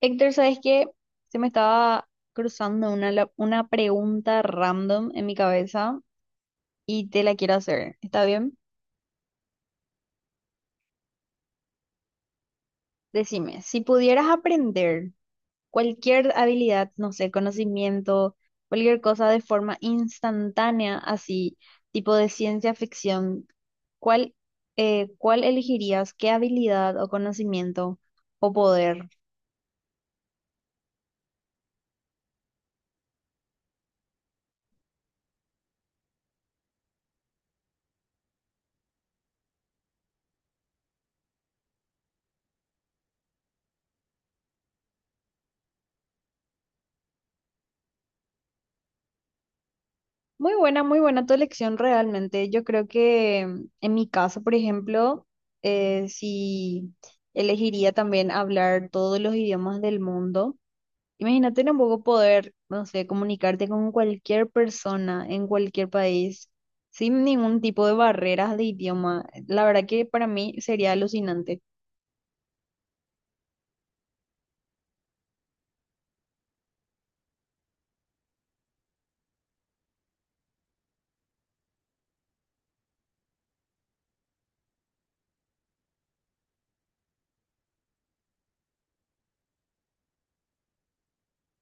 Héctor, ¿sabes qué? Se me estaba cruzando una pregunta random en mi cabeza y te la quiero hacer. ¿Está bien? Decime, si pudieras aprender cualquier habilidad, no sé, conocimiento, cualquier cosa de forma instantánea, así, tipo de ciencia ficción, ¿cuál, cuál elegirías? ¿Qué habilidad o conocimiento o poder? Muy buena tu elección realmente. Yo creo que en mi caso, por ejemplo, si elegiría también hablar todos los idiomas del mundo, imagínate tampoco poder, no sé, comunicarte con cualquier persona en cualquier país sin ningún tipo de barreras de idioma. La verdad que para mí sería alucinante.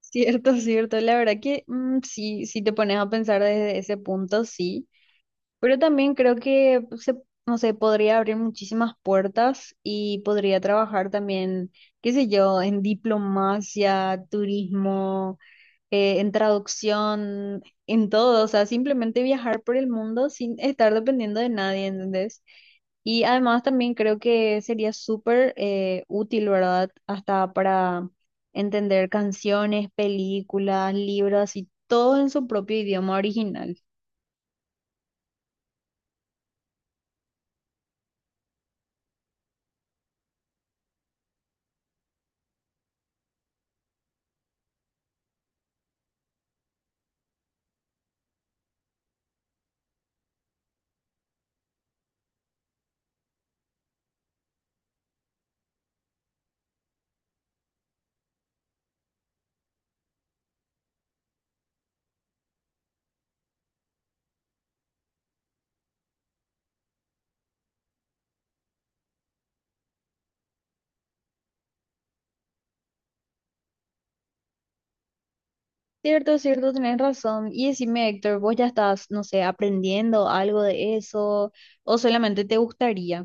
Cierto, cierto. La verdad que sí, si te pones a pensar desde ese punto, sí. Pero también creo que no sé, podría abrir muchísimas puertas y podría trabajar también, qué sé yo, en diplomacia, turismo, en traducción, en todo. O sea, simplemente viajar por el mundo sin estar dependiendo de nadie, ¿entendés? Y además también creo que sería súper útil, ¿verdad? Hasta para entender canciones, películas, libros y todo en su propio idioma original. Cierto, cierto, tenés razón. Y decime, Héctor, ¿vos ya estás, no sé, aprendiendo algo de eso o solamente te gustaría?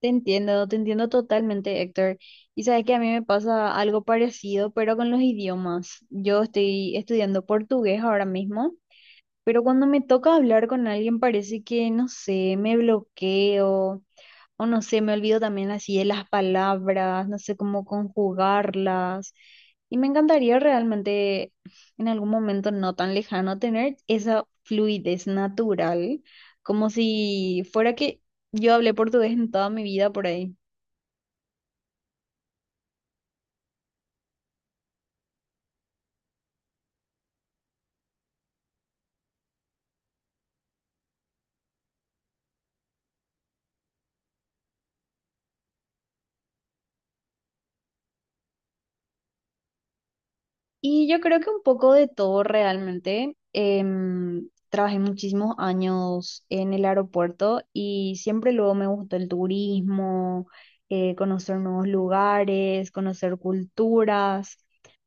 Te entiendo totalmente, Héctor. Y sabes que a mí me pasa algo parecido, pero con los idiomas. Yo estoy estudiando portugués ahora mismo, pero cuando me toca hablar con alguien parece que, no sé, me bloqueo. O no sé, me olvido también así de las palabras, no sé cómo conjugarlas. Y me encantaría realmente en algún momento no tan lejano tener esa fluidez natural, como si fuera que yo hablé portugués en toda mi vida por ahí. Y yo creo que un poco de todo realmente. Trabajé muchísimos años en el aeropuerto y siempre luego me gustó el turismo, conocer nuevos lugares, conocer culturas,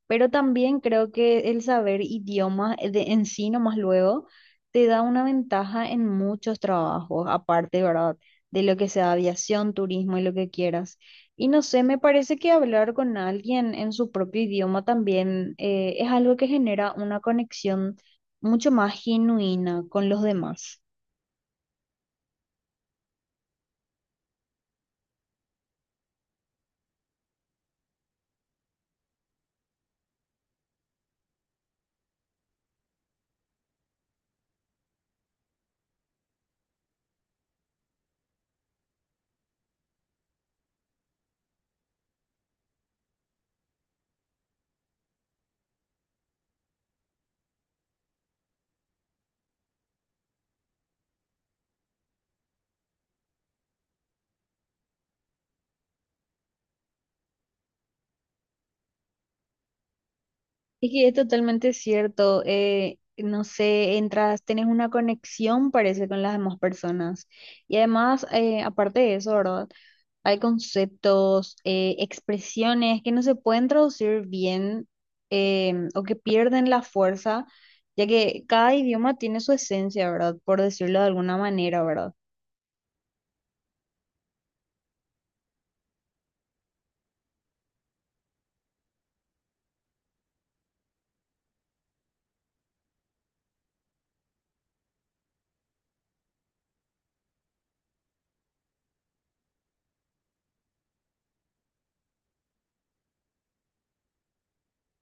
pero también creo que el saber idiomas en sí nomás luego te da una ventaja en muchos trabajos, aparte, ¿verdad? De lo que sea aviación, turismo y lo que quieras. Y no sé, me parece que hablar con alguien en su propio idioma también es algo que genera una conexión mucho más genuina con los demás. Es que es totalmente cierto, no sé, entras, tenés una conexión, parece, con las demás personas. Y además, aparte de eso, ¿verdad? Hay conceptos, expresiones que no se pueden traducir bien, o que pierden la fuerza, ya que cada idioma tiene su esencia, ¿verdad? Por decirlo de alguna manera, ¿verdad?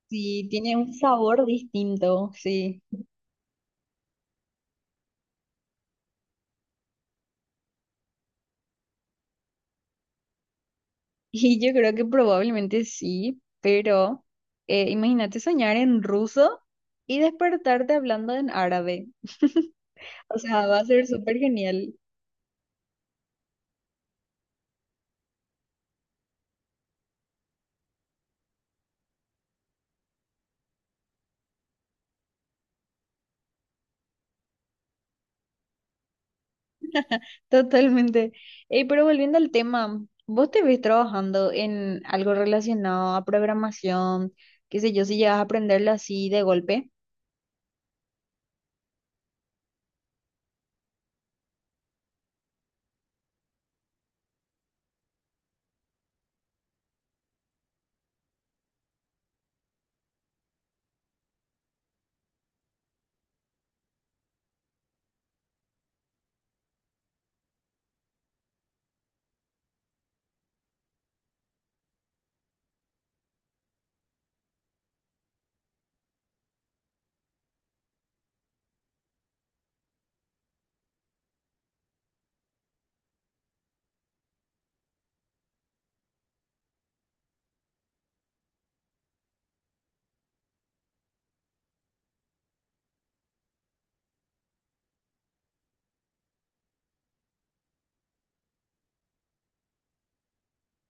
Sí, tiene un sabor distinto, sí. Y yo creo que probablemente sí, pero imagínate soñar en ruso y despertarte hablando en árabe. O sea, va a ser súper genial. Totalmente. Pero volviendo al tema, ¿vos te ves trabajando en algo relacionado a programación? Qué sé yo, si llegas a aprenderlo así de golpe.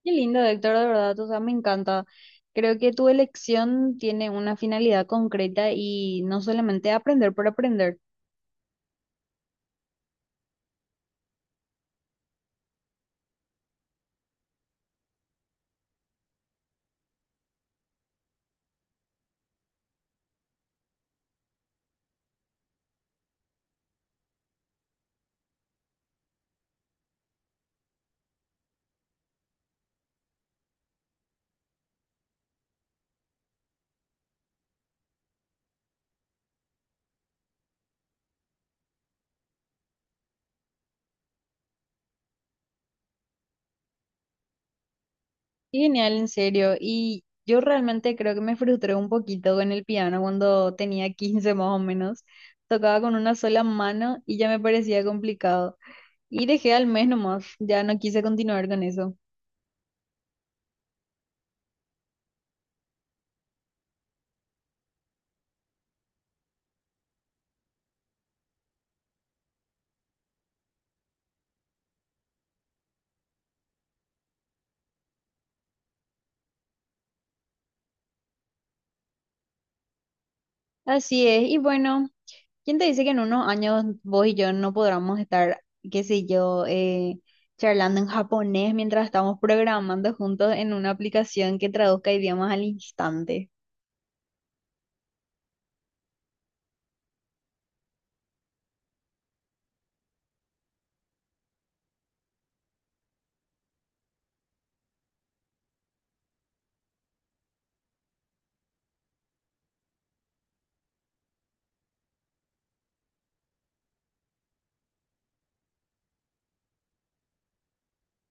Qué lindo, Héctor, de verdad, o sea, me encanta. Creo que tu elección tiene una finalidad concreta y no solamente aprender por aprender. Qué genial, en serio. Y yo realmente creo que me frustré un poquito con el piano cuando tenía 15 más o menos. Tocaba con una sola mano y ya me parecía complicado. Y dejé al mes nomás, ya no quise continuar con eso. Así es, y bueno, ¿quién te dice que en unos años vos y yo no podamos estar, qué sé yo, charlando en japonés mientras estamos programando juntos en una aplicación que traduzca idiomas al instante?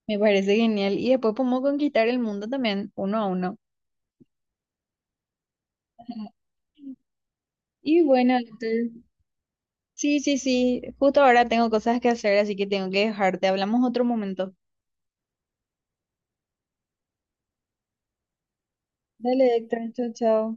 Me parece genial. Y después podemos conquistar el mundo también, uno a uno. Y bueno, entonces, sí, sí, sí, justo ahora tengo cosas que hacer, así que tengo que dejarte. Hablamos otro momento. Dale, Héctor, chao, chao.